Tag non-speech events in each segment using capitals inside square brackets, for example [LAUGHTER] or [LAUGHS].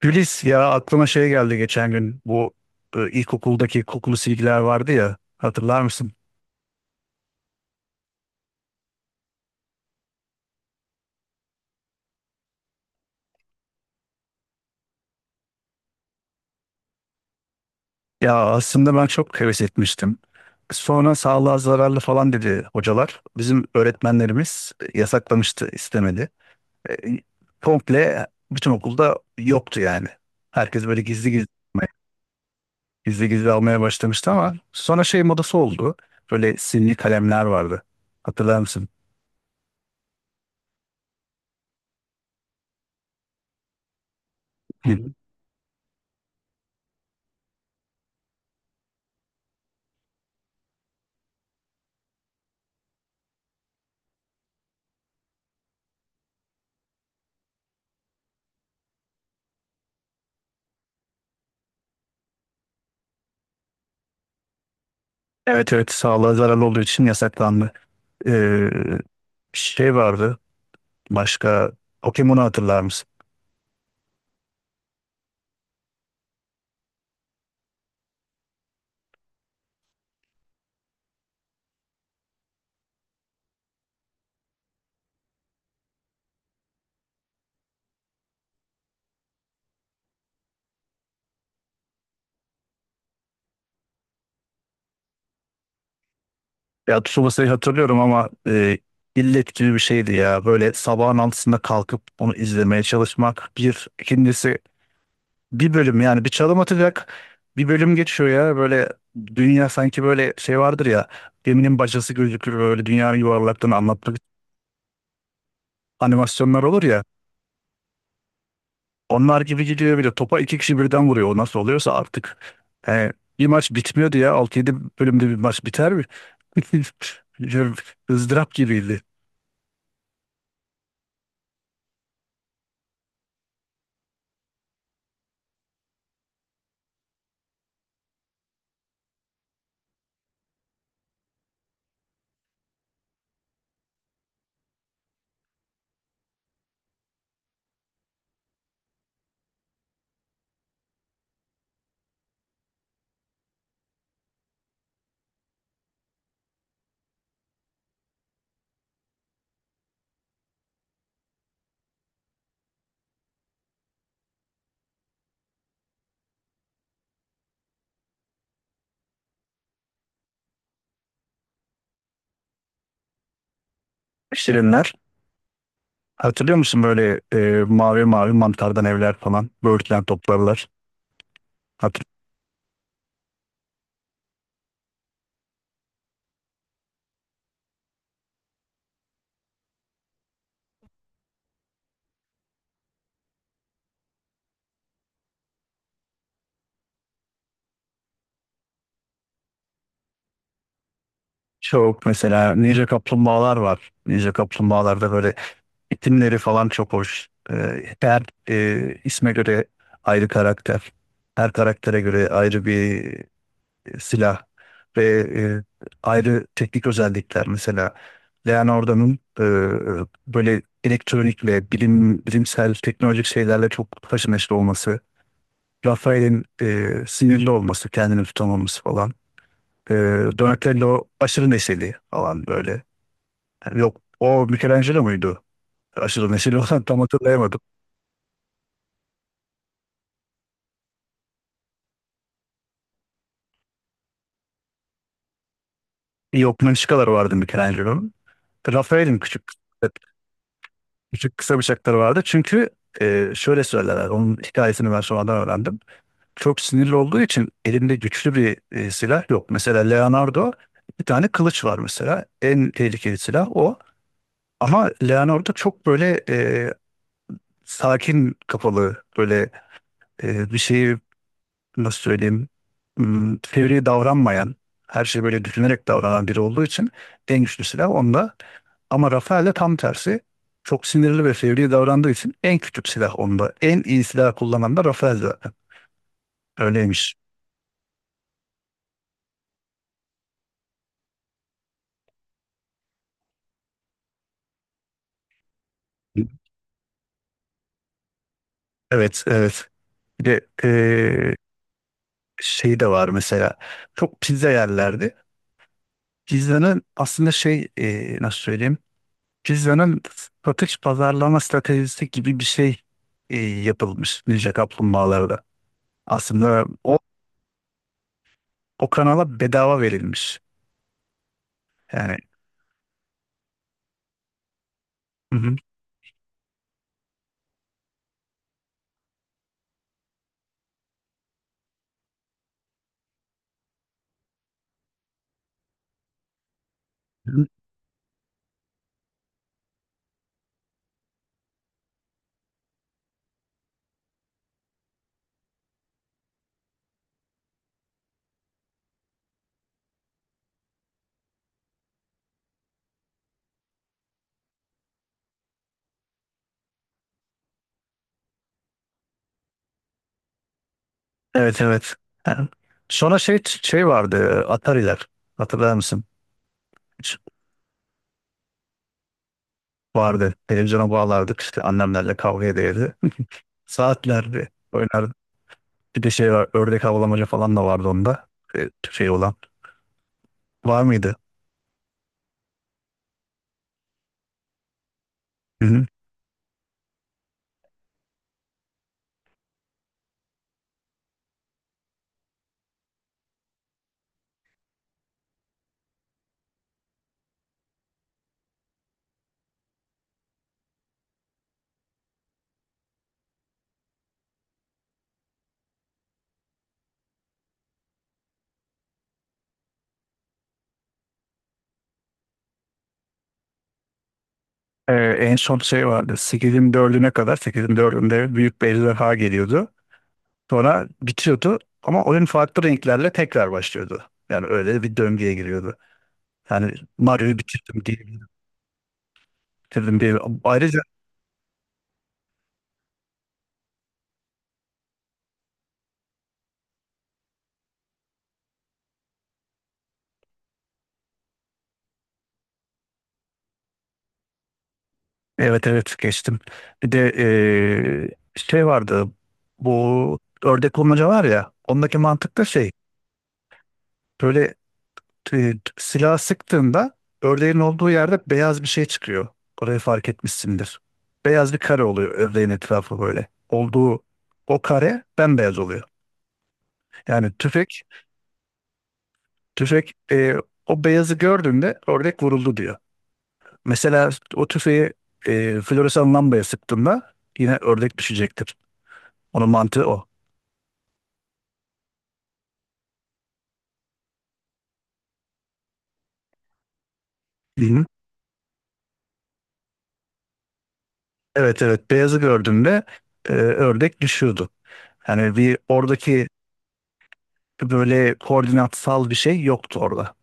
Gülis, ya aklıma şey geldi geçen gün, bu ilkokuldaki kokulu silgiler vardı ya, hatırlar mısın? Ya aslında ben çok heves etmiştim. Sonra sağlığa zararlı falan dedi hocalar. Bizim öğretmenlerimiz yasaklamıştı, istemedi. E, Komple bütün okulda yoktu yani. Herkes böyle gizli gizli almaya, gizli gizli almaya başlamıştı ama sonra şey modası oldu. Böyle sinli kalemler vardı. Hatırlar mısın? Hı. Evet, evet, sağlığa zararlı olduğu için yasaklandı. Ee, şey vardı başka, Pokemon'u hatırlar mısın? Ya Tsubasa'yı hatırlıyorum ama illet gibi bir şeydi ya. Böyle sabahın altısında kalkıp onu izlemeye çalışmak. Bir, ikincisi bir bölüm, yani bir çalım atacak bir bölüm geçiyor ya. Böyle dünya sanki böyle şey vardır ya, geminin bacası gözükür, böyle dünyanın yuvarlaklığını anlatmak animasyonlar olur ya. Onlar gibi gidiyor, bir de topa iki kişi birden vuruyor. O nasıl oluyorsa artık. He, bir maç bitmiyor diye, 6 yedi bölümde bir maç biter mi? [LAUGHS] ızdırap gibiydi. Şirinler. Hatırlıyor musun böyle mavi mavi mantardan evler falan. Böğürtlen toplarlar. Hatır Çok, mesela Ninja Kaplumbağalar var. Ninja Kaplumbağalarda böyle itimleri falan çok hoş. E, her isme göre ayrı karakter. Her karaktere göre ayrı bir silah ve e, ayrı teknik özellikler, mesela Leonardo'nun böyle elektronik ve bilimsel teknolojik şeylerle çok haşır neşir olması, Rafael'in sinirli olması, kendini tutamaması falan, e, Donatello aşırı neşeli falan böyle. Yani yok, o Michelangelo muydu? Aşırı neşeli [LAUGHS] olan, tam hatırlayamadım. Yok, Mınçıkalar vardı Michelangelo'nun. Rafael'in küçük Küçük kısa bıçakları vardı. Çünkü şöyle söylerler. Onun hikayesini ben sonradan öğrendim. Çok sinirli olduğu için elinde güçlü bir silah yok. Mesela Leonardo, bir tane kılıç var mesela. En tehlikeli silah o. Ama Leonardo çok böyle sakin kafalı, böyle bir şeyi, nasıl söyleyeyim, fevri davranmayan, her şeyi böyle düşünerek davranan biri olduğu için en güçlü silah onda. Ama Rafaelle tam tersi. Çok sinirli ve fevri davrandığı için en küçük silah onda. En iyi silah kullanan da Rafael zaten. Öyleymiş. Evet, evet. Bir de şey de var mesela. Çok pizza yerlerdi. Pizzanın aslında şey, nasıl söyleyeyim? Pizzanın satış pazarlama stratejisi gibi bir şey yapılmış Ninja Kaplumbağalarda. Aslında o kanala bedava verilmiş. Yani, hı hı. Evet, evet. Yani sonra şey vardı, Atari'ler. Hatırlar mısın? Hiç Vardı. Televizyona bağlardık, işte annemlerle kavga ederdi. [LAUGHS] Saatlerdi oynardı. Bir de şey var, ördek avlamaca falan da vardı onda. E, şey olan. Var mıydı? Hı hı. E, en son şey vardı. 8'in dördüne kadar, 8'in dördünde büyük bir ejderha geliyordu. Sonra bitiyordu ama oyun farklı renklerle tekrar başlıyordu. Yani öyle bir döngüye giriyordu. Yani Mario'yu bitirdim diye. Ayrıca Evet, evet, geçtim. Bir de şey vardı, bu ördek bulmaca var ya, ondaki mantık da şey, böyle silah sıktığında ördeğin olduğu yerde beyaz bir şey çıkıyor. Orayı fark etmişsindir. Beyaz bir kare oluyor ördeğin etrafı, böyle olduğu, o kare bembeyaz oluyor. Yani tüfek o beyazı gördüğünde ördek vuruldu diyor. Mesela o tüfeği floresan lambaya sıktığında yine ördek düşecektir. Onun mantığı o. Hı-hı. Evet, evet, beyazı gördüğünde ördek düşüyordu. Yani bir oradaki böyle koordinatsal bir şey yoktu orada.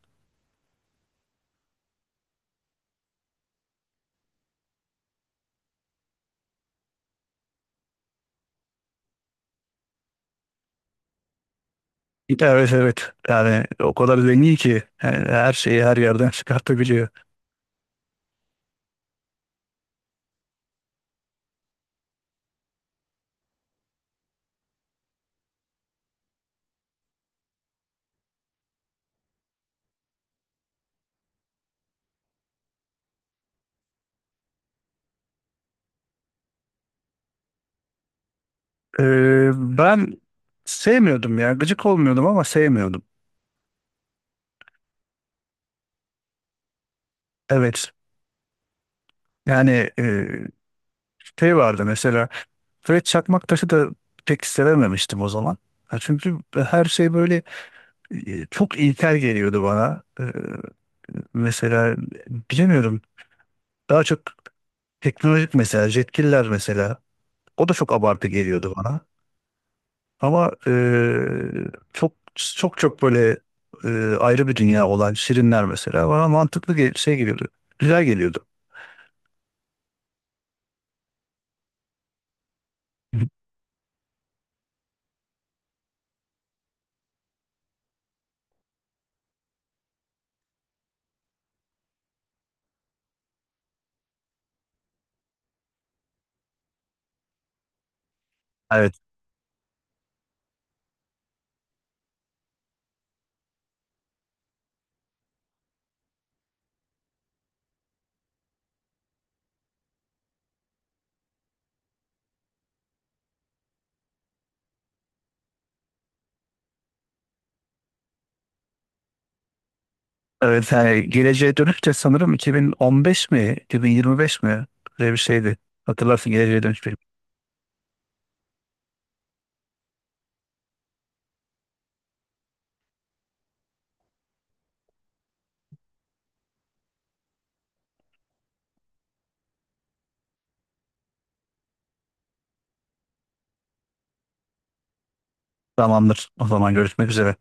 Evet, evet, yani o kadar zengin ki yani her şeyi her yerden [LAUGHS] çıkartabiliyor. Ben sevmiyordum ya, gıcık olmuyordum ama sevmiyordum. Evet yani şey vardı mesela, Fred Çakmaktaş'ı da pek sevememiştim o zaman. Ha, çünkü her şey böyle çok ilkel geliyordu bana. Mesela bilemiyorum, daha çok teknolojik, mesela jetkiller mesela, o da çok abartı geliyordu bana. Ama çok çok çok böyle e, ayrı bir dünya olan Şirinler mesela bana mantıklı şey geliyordu. Güzel geliyordu. Evet. Evet yani geleceğe dönüş de sanırım 2015 mi 2025 mi, böyle bir şeydi. Hatırlarsın geleceğe dönüş bir. Tamamdır. O zaman görüşmek üzere.